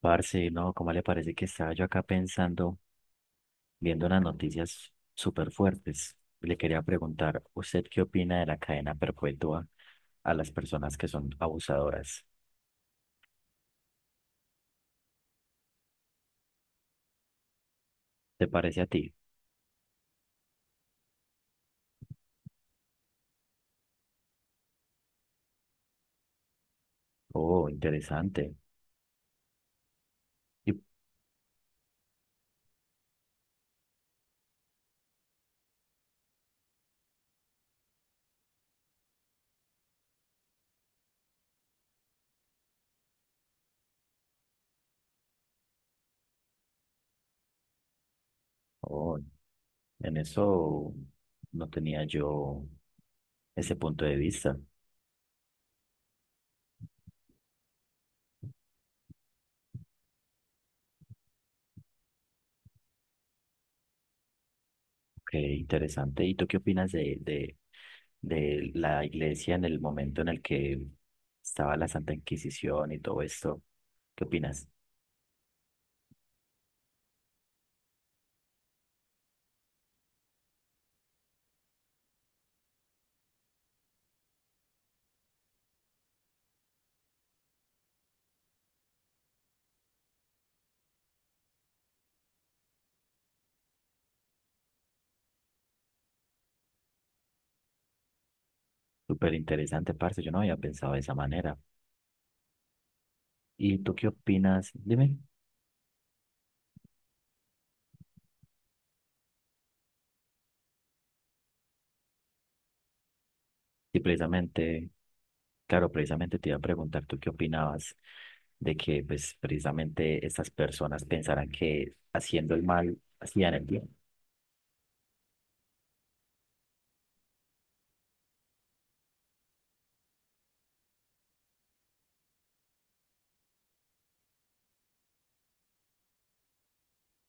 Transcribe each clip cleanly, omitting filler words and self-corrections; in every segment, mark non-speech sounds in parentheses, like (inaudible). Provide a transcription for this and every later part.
Parce, no, ¿cómo le parece que estaba yo acá pensando, viendo unas noticias súper fuertes? Le quería preguntar, ¿usted qué opina de la cadena perpetua a las personas que son abusadoras? ¿Te parece a ti? Oh, interesante. Y, oh, en eso no tenía yo ese punto de vista. Qué interesante. ¿Y tú qué opinas de la iglesia en el momento en el que estaba la Santa Inquisición y todo esto? ¿Qué opinas? Súper interesante, parce. Yo no había pensado de esa manera. ¿Y tú qué opinas? Dime. Y precisamente, claro, precisamente te iba a preguntar, ¿tú qué opinabas de que, pues, precisamente estas personas pensaran que haciendo el mal hacían el bien?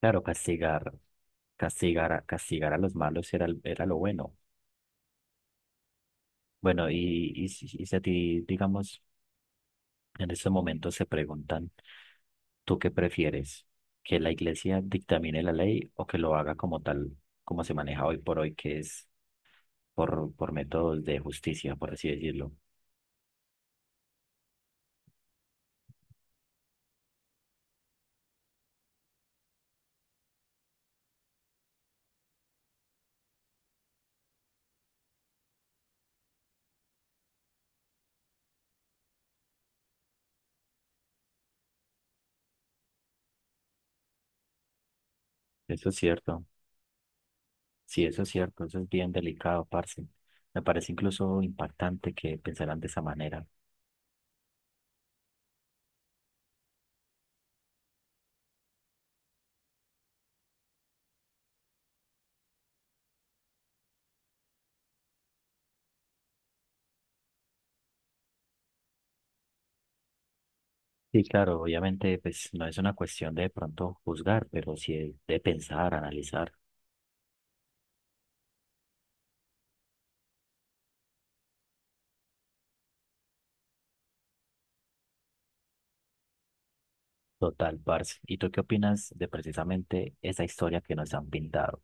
Claro, castigar a los malos era, era lo bueno. Bueno, si si a ti, digamos, en este momento se preguntan, ¿tú qué prefieres? ¿Que la iglesia dictamine la ley o que lo haga como tal, como se maneja hoy por hoy, que es por métodos de justicia, por así decirlo? Eso es cierto. Sí, eso es cierto. Eso es bien delicado, parce. Me parece incluso impactante que pensaran de esa manera. Sí, claro, obviamente, pues no es una cuestión de pronto juzgar, pero sí de pensar, analizar. Total, parce. ¿Y tú qué opinas de precisamente esa historia que nos han pintado?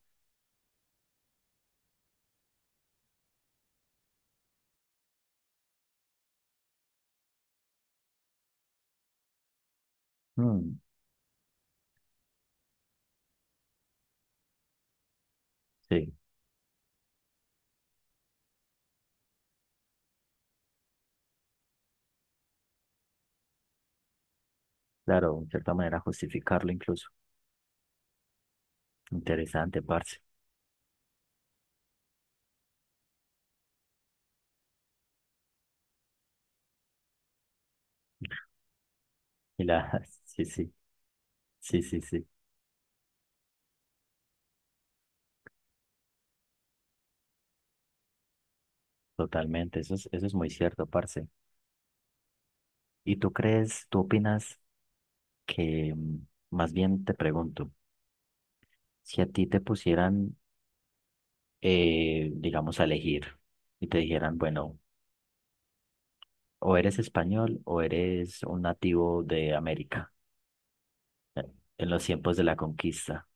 Sí, claro, en cierta manera justificarlo incluso. Interesante, parce. Y la, (laughs) sí, sí, sí, sí, sí, totalmente. Eso es muy cierto, parce. ¿Y tú crees, tú opinas que, más bien te pregunto, si a ti te pusieran, digamos, a elegir y te dijeran, bueno, o eres español o eres un nativo de América, eh, en los tiempos de la conquista,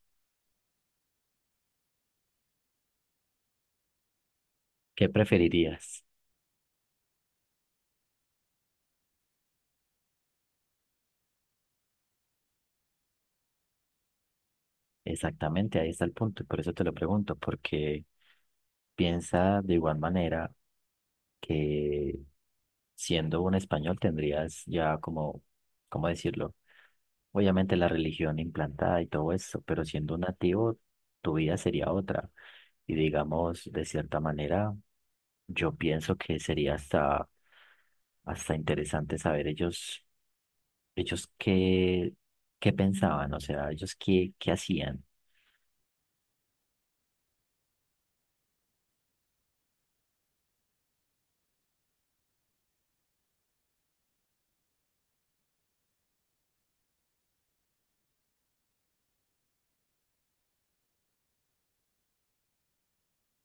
¿qué preferirías? Exactamente, ahí está el punto. Y por eso te lo pregunto, porque piensa de igual manera que siendo un español tendrías ya como, ¿cómo decirlo? Obviamente la religión implantada y todo eso, pero siendo un nativo tu vida sería otra. Y digamos, de cierta manera, yo pienso que sería hasta interesante saber ellos, ellos qué, qué pensaban, o sea, qué hacían.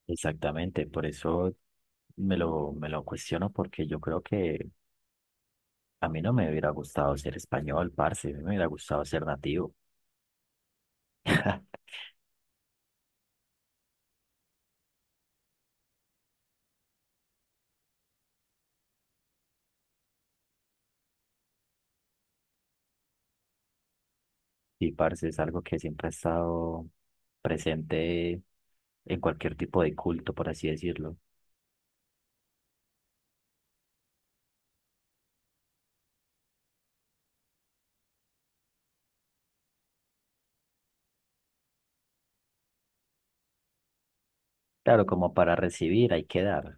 Exactamente, por eso me lo cuestiono porque yo creo que a mí no me hubiera gustado ser español, parce, a mí me hubiera gustado ser nativo. (laughs) Y parce es algo que siempre ha estado presente en cualquier tipo de culto, por así decirlo. Claro, como para recibir hay que dar.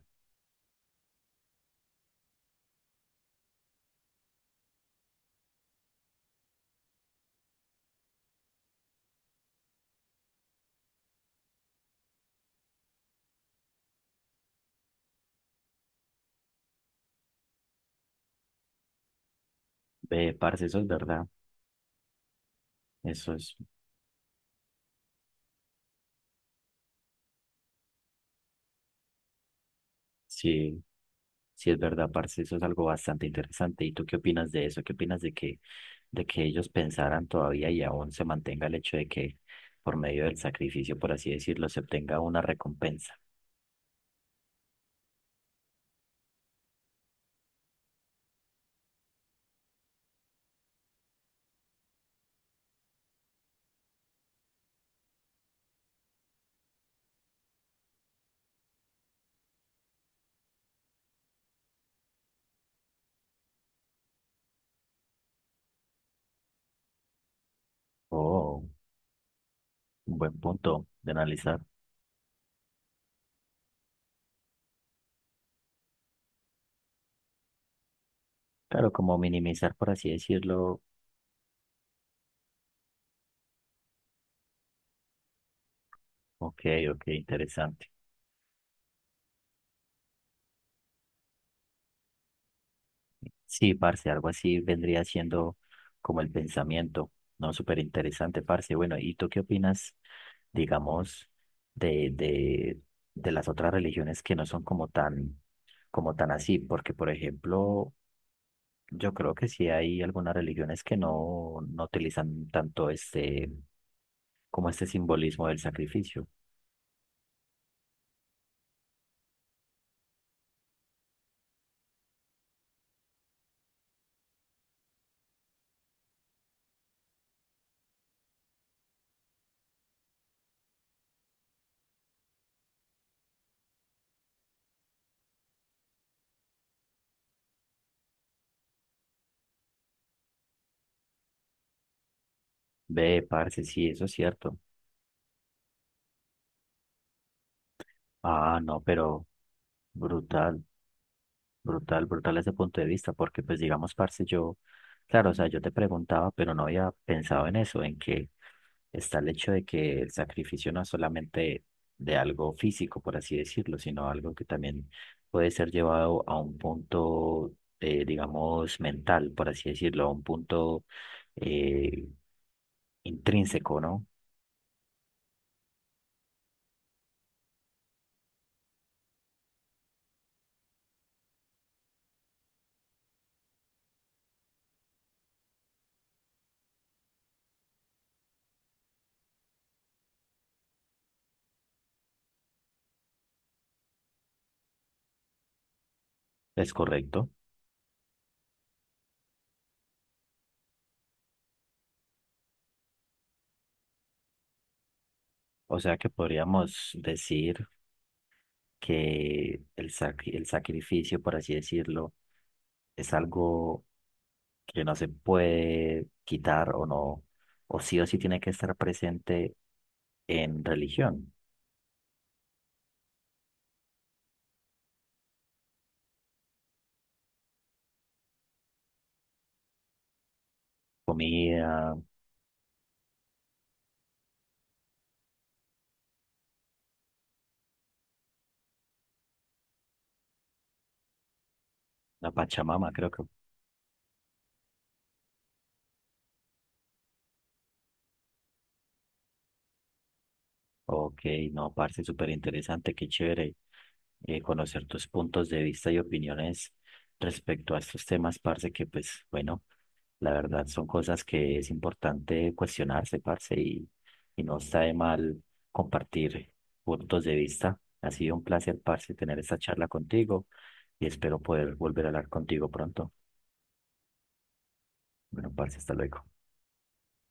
Parce, eso es verdad. Eso es, sí, sí es verdad, parce, eso es algo bastante interesante. ¿Y tú qué opinas de eso? ¿Qué opinas de que ellos pensaran todavía y aún se mantenga el hecho de que por medio del sacrificio, por así decirlo, se obtenga una recompensa? Oh. Un buen punto de analizar. Claro, como minimizar, por así decirlo. Ok, ok, interesante. Sí, parce, algo así vendría siendo como el pensamiento, ¿no? Súper interesante, parce. Bueno, ¿y tú qué opinas, digamos, de, de, de las otras religiones que no son como tan así? Porque, por ejemplo, yo creo que sí hay algunas religiones que no utilizan tanto este, como este simbolismo del sacrificio. Ve, parce, sí, eso es cierto. Ah, no, pero brutal, brutal, brutal ese punto de vista, porque pues digamos, parce, yo, claro, o sea, yo te preguntaba, pero no había pensado en eso, en que está el hecho de que el sacrificio no es solamente de algo físico, por así decirlo, sino algo que también puede ser llevado a un punto, digamos, mental, por así decirlo, a un punto eh, intrínseco, ¿no? Es correcto. O sea que podríamos decir... que el sacrificio, por así decirlo, es algo que no se puede quitar o no, o sí tiene que estar presente en religión, comida, la Pachamama, creo que. Ok, no, parce, súper interesante, qué chévere conocer tus puntos de vista y opiniones respecto a estos temas, parce, que pues bueno. La verdad son cosas que es importante cuestionarse, parce, y no está de mal compartir puntos de vista. Ha sido un placer, parce, tener esta charla contigo y espero poder volver a hablar contigo pronto. Bueno, parce, hasta luego.